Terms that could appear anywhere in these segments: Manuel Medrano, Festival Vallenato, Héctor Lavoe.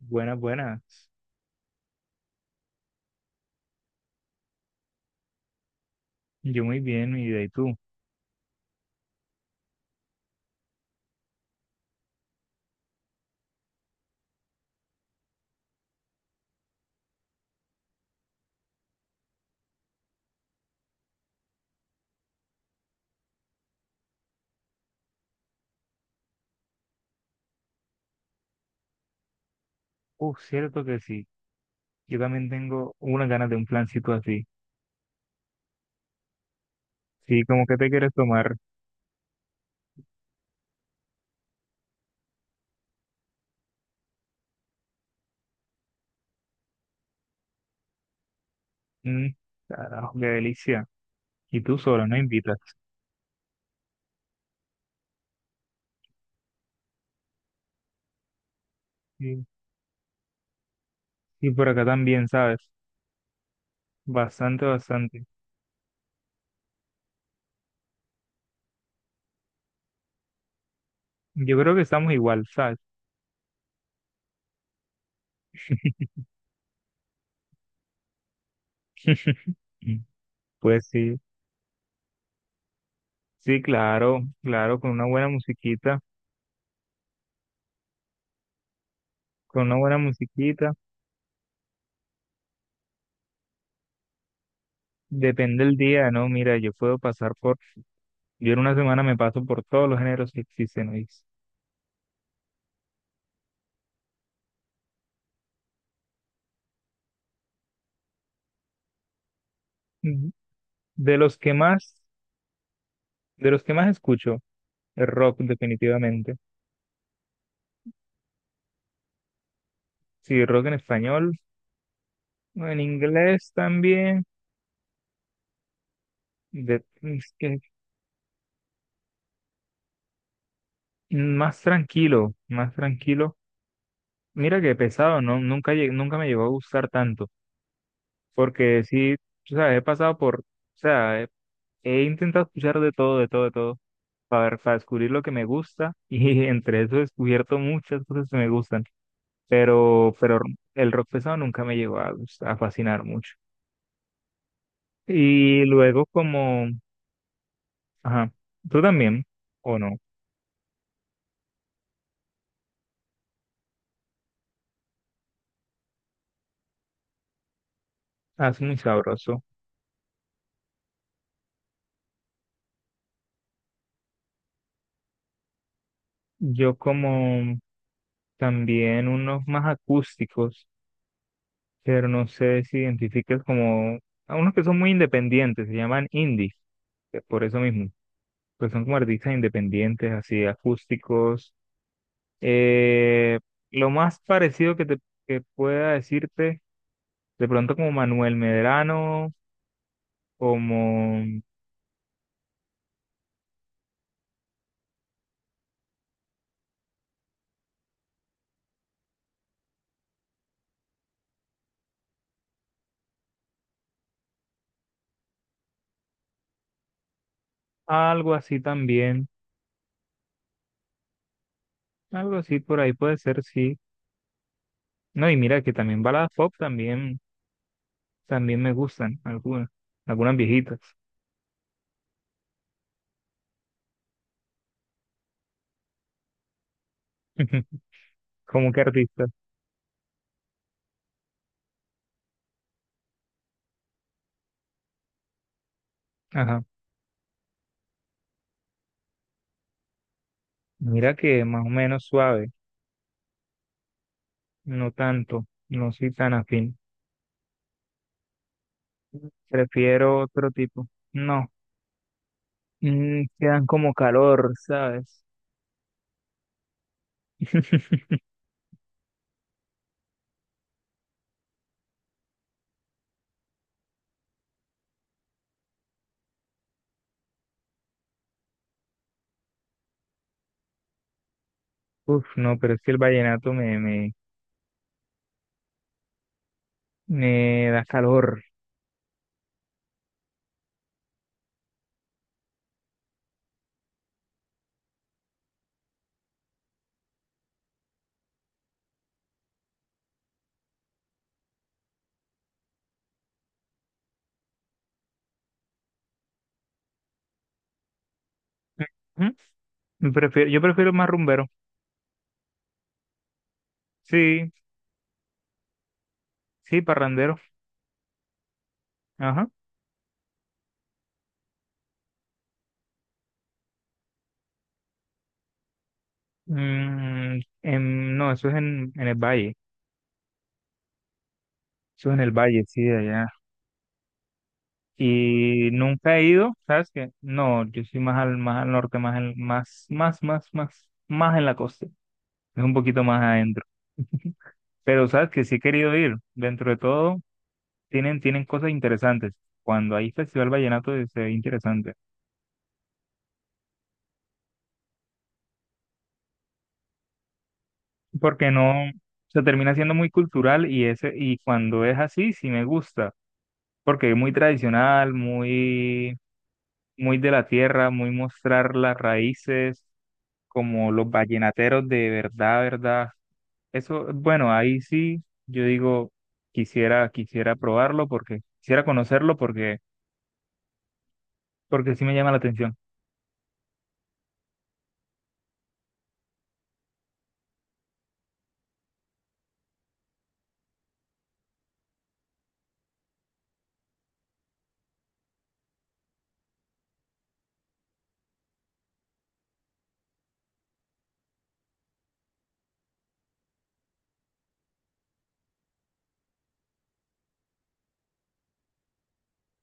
Buenas, buenas. Yo muy bien, mi vida. ¿Y tú? Cierto que sí. Yo también tengo unas ganas de un plancito así. Sí, como que te quieres tomar. Mm, carajo, qué delicia. Y tú solo, no invitas. Sí. Y por acá también, ¿sabes? Bastante, bastante. Yo creo que estamos igual, ¿sabes? Pues sí, sí, claro, claro, con una buena musiquita, con una buena musiquita. Depende del día, ¿no? Mira, yo puedo pasar por, yo en una semana me paso por todos los géneros que existen, hoy. De los que más, de los que más escucho, el rock definitivamente. Sí, rock en español, en inglés también, de- es que más tranquilo, más tranquilo. Mira que pesado, no, nunca me llegó a gustar tanto, porque sí, tú sabes, he pasado por, o sea, he intentado escuchar de todo, de todo, de todo, para descubrir lo que me gusta, y entre eso he descubierto muchas cosas que me gustan, pero el rock pesado nunca me llegó a a fascinar mucho. Y luego como, ajá, tú también, o no, hace muy sabroso. Yo como también unos más acústicos, pero no sé si identificas como, a unos que son muy independientes, se llaman indie, que por eso mismo, pues son como artistas independientes, así acústicos. Eh, lo más parecido que pueda decirte, de pronto como Manuel Medrano, como algo así también. Algo así por ahí puede ser, sí. No, y mira que también baladas pop también, también me gustan, algunas, algunas viejitas. ¿Como que artista? Ajá. Mira que más o menos suave, no tanto, no soy tan afín. Prefiero otro tipo. No, mm, quedan como calor, ¿sabes? Uf, no, pero es que el vallenato me da calor. ¿Mm? Prefiero, yo prefiero más rumbero. Sí, sí, parrandero. Ajá. Mm, no, eso es en el valle, eso es en el valle, sí, de allá. Y nunca he ido, ¿sabes qué? No, yo soy más al norte, más, más, más, más, más, más en la costa, es un poquito más adentro. Pero, ¿sabes que Sí he querido ir, dentro de todo, tienen, tienen cosas interesantes. Cuando hay Festival Vallenato se ve interesante, porque no, se termina siendo muy cultural y, ese, y cuando es así, sí me gusta, porque es muy tradicional, muy muy de la tierra, muy mostrar las raíces, como los vallenateros de verdad, verdad. Eso, bueno, ahí sí, yo digo, quisiera, quisiera probarlo porque, quisiera conocerlo porque, porque sí me llama la atención.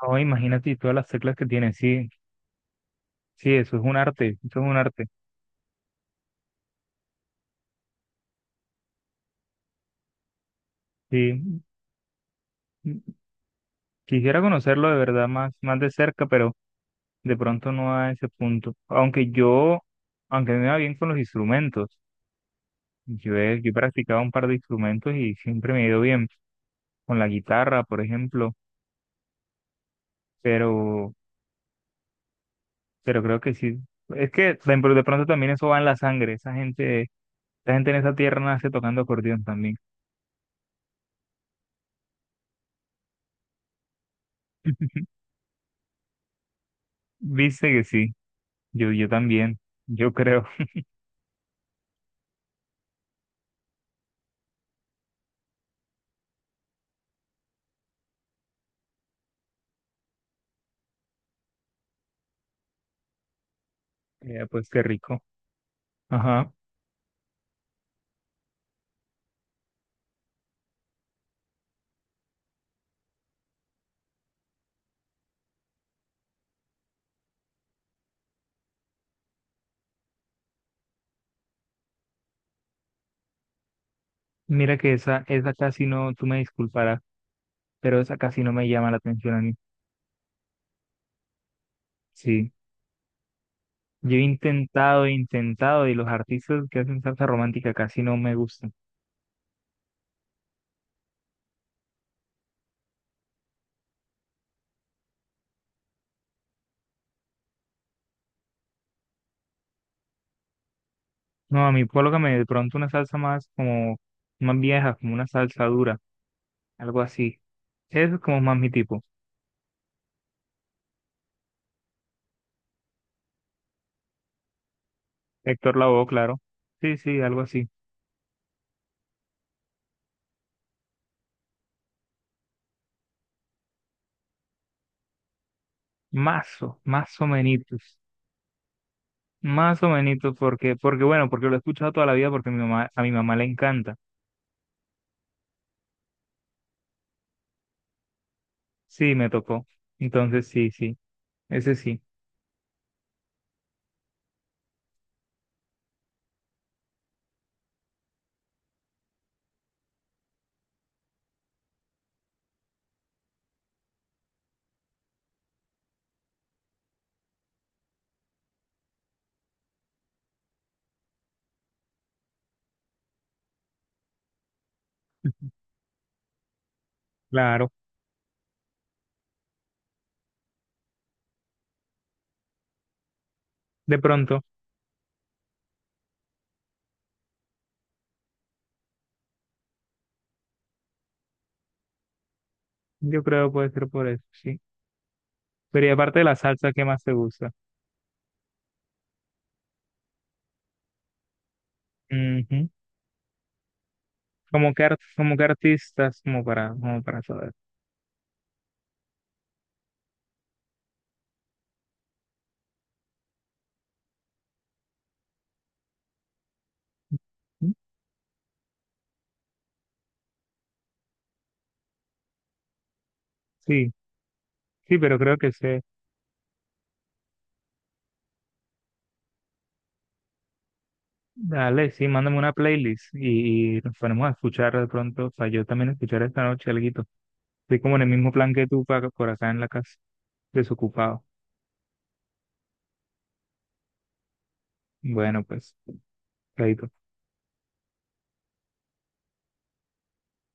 Oh, imagínate todas las teclas que tiene, sí, sí, eso es un arte, eso es un arte. Sí, mm, quisiera conocerlo de verdad más, más de cerca, pero de pronto no a ese punto. Aunque yo, aunque me va bien con los instrumentos. Yo he practicado un par de instrumentos y siempre me ha ido bien, con la guitarra, por ejemplo, pero, pero creo que sí. Es que de, de pronto también eso va en la sangre, esa gente en esa tierra nace tocando acordeón también. Viste que sí, yo también, yo creo. Pues qué rico. Ajá. Mira que esa casi no, tú me disculparás, pero esa casi no me llama la atención a mí. Sí. Yo he intentado, y los artistas que hacen salsa romántica casi no me gustan. No, a mí colócame de pronto una salsa más como más vieja, como una salsa dura, algo así. Eso es como más mi tipo. Héctor Lavoe, claro. Sí, sí, algo así. Mazo, más o menitos. Más o menitos, porque, porque bueno, porque lo he escuchado toda la vida porque a mi mamá le encanta. Sí, me tocó. Entonces, sí, sí, ese sí, claro. De pronto, yo creo puede ser por eso, sí. Pero y aparte de la salsa, ¿qué más te gusta? Ujú. Como que, como que artistas, como para, como para saber. Sí. Sí, pero creo que sé. Dale, sí, mándame una playlist y nos ponemos a escuchar de pronto. O sea, yo también escuchar esta noche alguito. Estoy como en el mismo plan que tú por acá en la casa, desocupado. Bueno, pues, chaito.